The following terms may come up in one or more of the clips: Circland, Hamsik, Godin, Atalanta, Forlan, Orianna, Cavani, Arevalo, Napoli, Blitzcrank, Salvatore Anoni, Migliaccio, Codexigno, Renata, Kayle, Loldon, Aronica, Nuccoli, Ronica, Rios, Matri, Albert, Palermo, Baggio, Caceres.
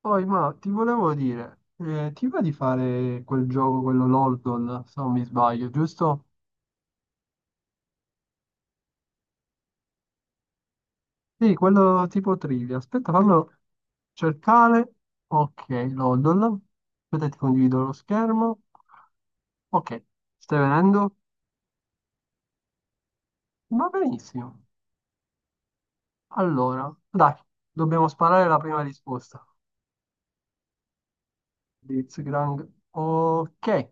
Poi, ma ti volevo dire, ti va di fare quel gioco, quello Loldon, se non mi sbaglio, giusto? Sì, quello tipo trivia. Aspetta, fallo cercare. Ok, Loldon. Aspetta, ti condivido lo schermo. Ok, stai venendo? Va benissimo. Allora, dai, dobbiamo sparare la prima risposta. Blitzcrank. Ok,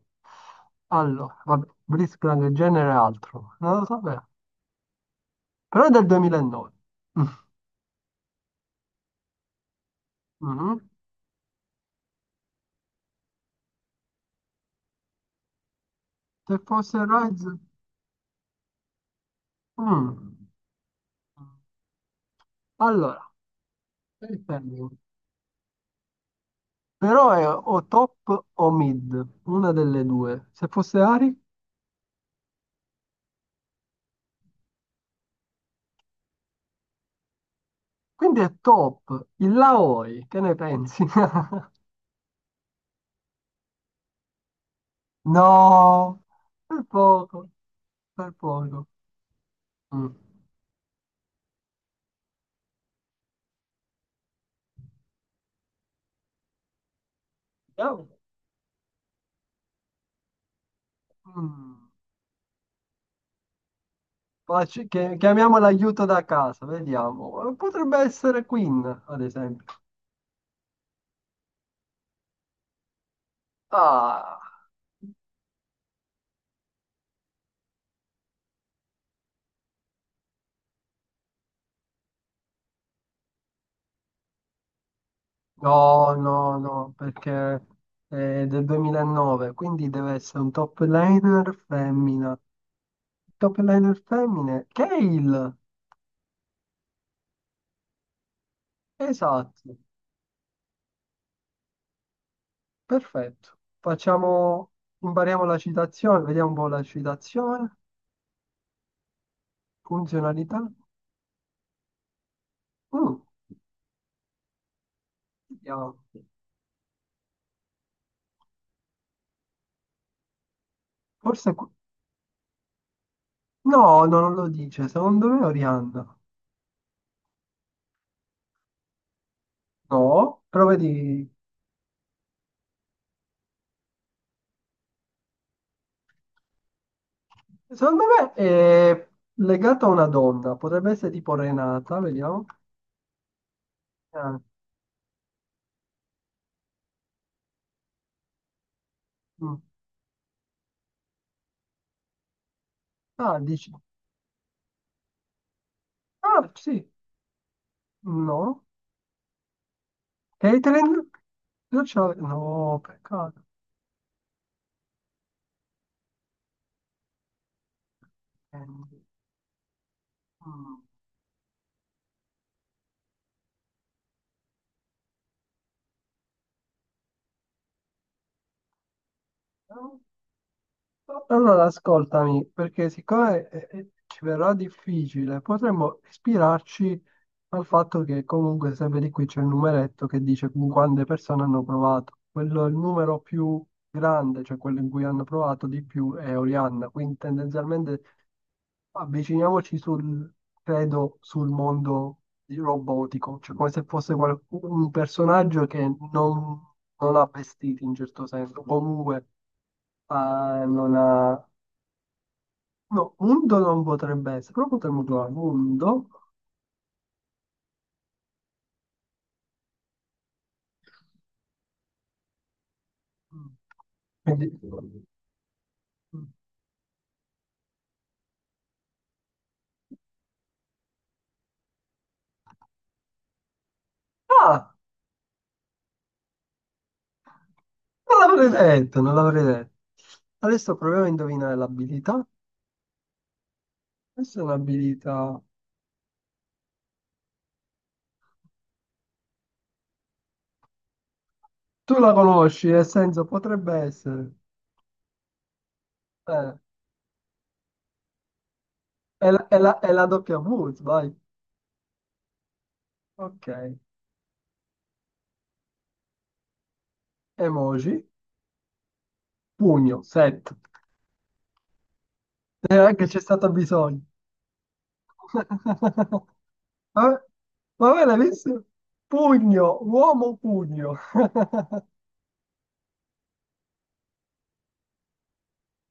allora, vabbè, Blitzcrank genere altro. Non lo so, beh. Però è del 2009. Mhm. Se fosse Rise... Mm. Allora, dipende. Però è o top o mid, una delle due. Se fosse Ari, quindi è top. Il Laoi, che ne pensi? No, per poco, per poco. Mm. Vediamo. Mm. Chiamiamo l'aiuto da casa, vediamo. Potrebbe essere Queen, ad esempio. Ah. No, no, no, perché è del 2009, quindi deve essere un top laner femmina. Top laner femmine, Kayle! Esatto, perfetto. Facciamo, impariamo la citazione, vediamo un po' la citazione, funzionalità. Mm, vediamo. Forse... que- No, no, non lo dice, secondo me è Orianna. No, però vedi... Secondo me è legato a una donna, potrebbe essere tipo Renata, vediamo. Ah, mm. Ah, dici. Ah, sì. No. Catering? Io c'ho- No, peccato. Mm, no. Allora, ascoltami, perché siccome ci verrà difficile, potremmo ispirarci al fatto che comunque sempre di qui c'è il numeretto che dice con quante persone hanno provato. Quello è il numero più grande, cioè quello in cui hanno provato di più è Orianna, quindi tendenzialmente avviciniamoci credo, robotico, cioè come se fosse un personaggio che non, non ha vestiti in certo senso, comunque eh, non ha No, undo non potrebbe essere, però potremmo trovare undo. Mm. Quindi- Ah, non l'avrei detto, non l'avrei detto. Adesso proviamo a indovinare l'abilità. Questa è un'abilità. Tu la conosci, nel senso potrebbe essere. Eh, è la doppia W, vai. Ok. Emoji, pugno, set. Neanche c'è stato bisogno. Vabbè, vabbè, l'hai visto? Pugno, uomo pugno.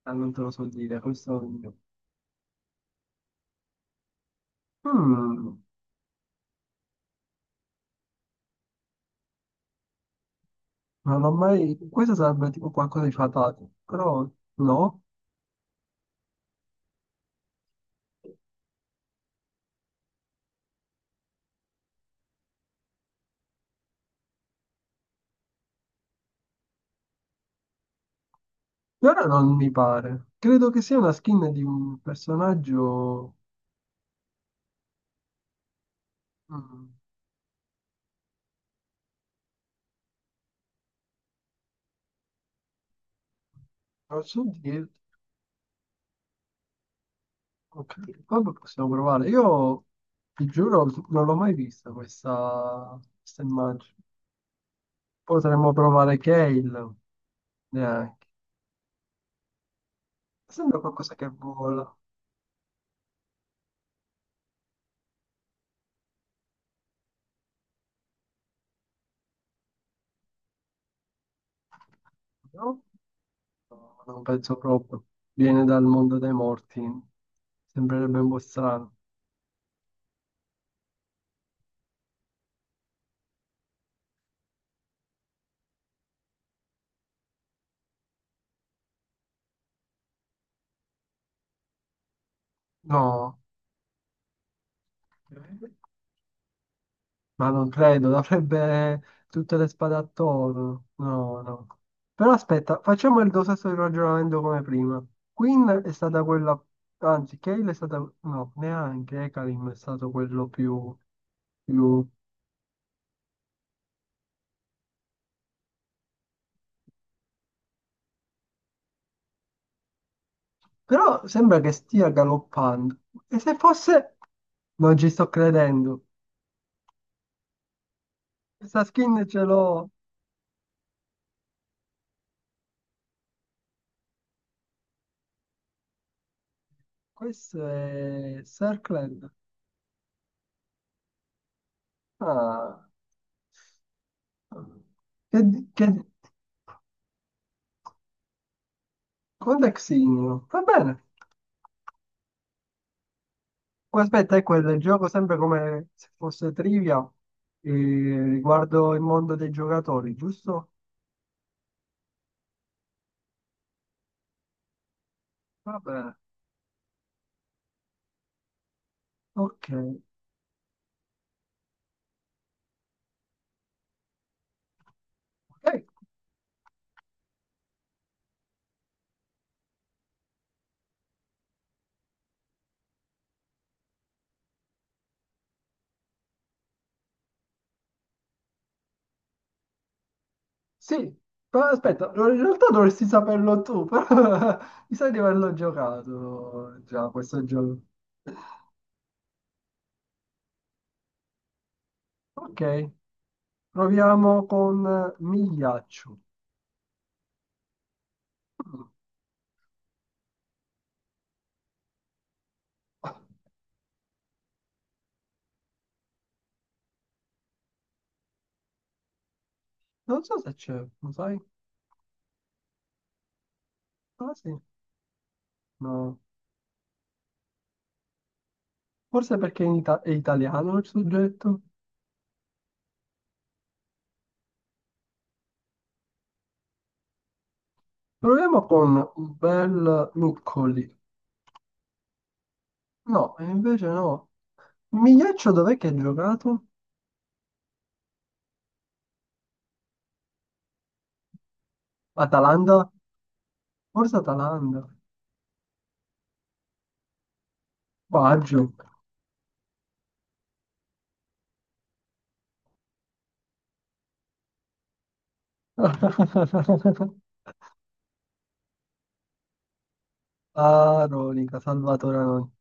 Ah, non te lo so dire, questo... non lo so. Mm, non l'ho mai... Questo sarebbe tipo qualcosa di fatale, però no. E ora non mi pare. Credo che sia una skin di un personaggio... mm, non so dire... Ok, vabbè, possiamo provare. Io, ti giuro, non l'ho mai vista questa immagine. Potremmo provare Kale, neanche. Sembra qualcosa che vola, no? No, non penso proprio. Viene dal mondo dei morti. Sembrerebbe un po' strano. No, ma non credo. Avrebbe tutte le spade attorno. No, no. Però aspetta, facciamo il tuo stesso ragionamento come prima. Queen è stata quella... Anzi, Cale è stata... No, neanche. Ekalim è stato quello più... più... Però sembra che stia galoppando. E se fosse... Non ci sto credendo. Questa skin ce l'ho. Questo è Circland. Ah. Che, che, Codexigno. Va bene. Oh, aspetta, è quello, gioco sempre come se fosse trivia riguardo il mondo dei giocatori, giusto? Va bene. Ok. Ok, sì, però aspetta, in realtà dovresti saperlo tu, però mi sa di averlo giocato già questo gioco. Ok, proviamo con Migliaccio. Mm, non so se c'è, lo sai? Ah, sì, no. Forse perché è italiano il soggetto. Proviamo con un bel Nuccoli. No, e invece no. Migliaccio dov'è che ha giocato? Atalanta? Forse Atalanta. Baggio. Ah, Ronica, Salvatore Anoni.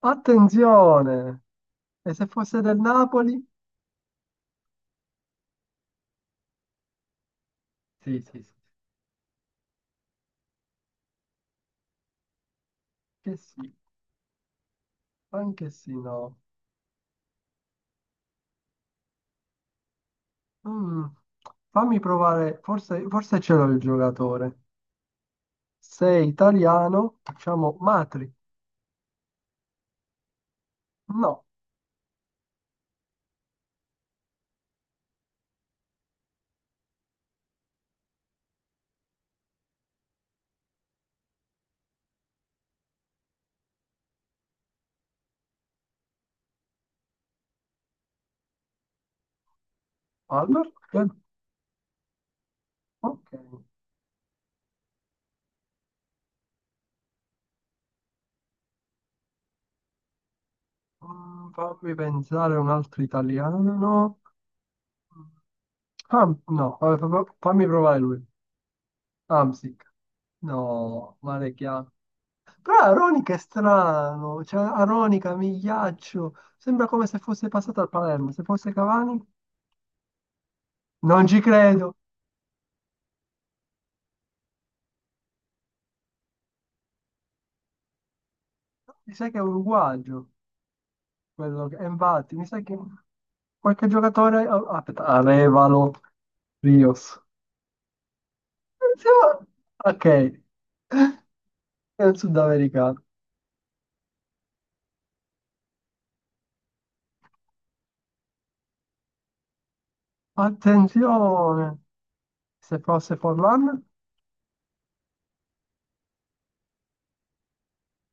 Attenzione! E se fosse del Napoli? Sì, sì, sì. Che sì, anche sì, no. Mm, fammi provare, forse ce l'ho il giocatore. Sei italiano, facciamo Matri. No, Albert. Ok. Mm, fammi pensare a un altro italiano. Ham- no, vabbè, fa- fa- Fammi provare lui. Hamsik. No, male chiaro. Però Aronica è strano. Cioè, Aronica, Migliaccio. Sembra come se fosse passato al Palermo. Se fosse Cavani, non ci credo. Mi sa che è un uruguagio. Quello che... E infatti, mi sa che qualche giocatore... ah, aspetta, Arevalo. Rios. Attenzione! Ok, è un sudamericano. Attenzione! Se fosse Forlan?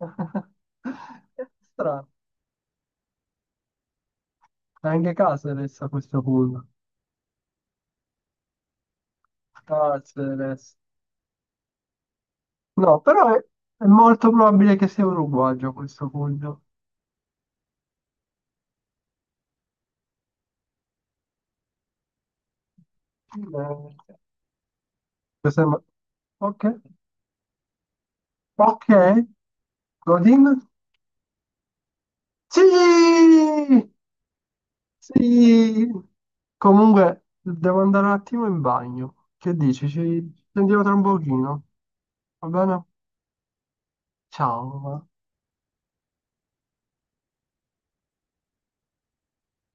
Strano. Anche Caceres a questo punto. Caceres. No, però è molto probabile che sia uruguayo a questo punto. Eh, questo è mo- Ok. Ok. Godin? Sì! Sì, comunque devo andare un attimo in bagno. Che dici? Ci sentiamo tra un pochino, va bene? Ciao.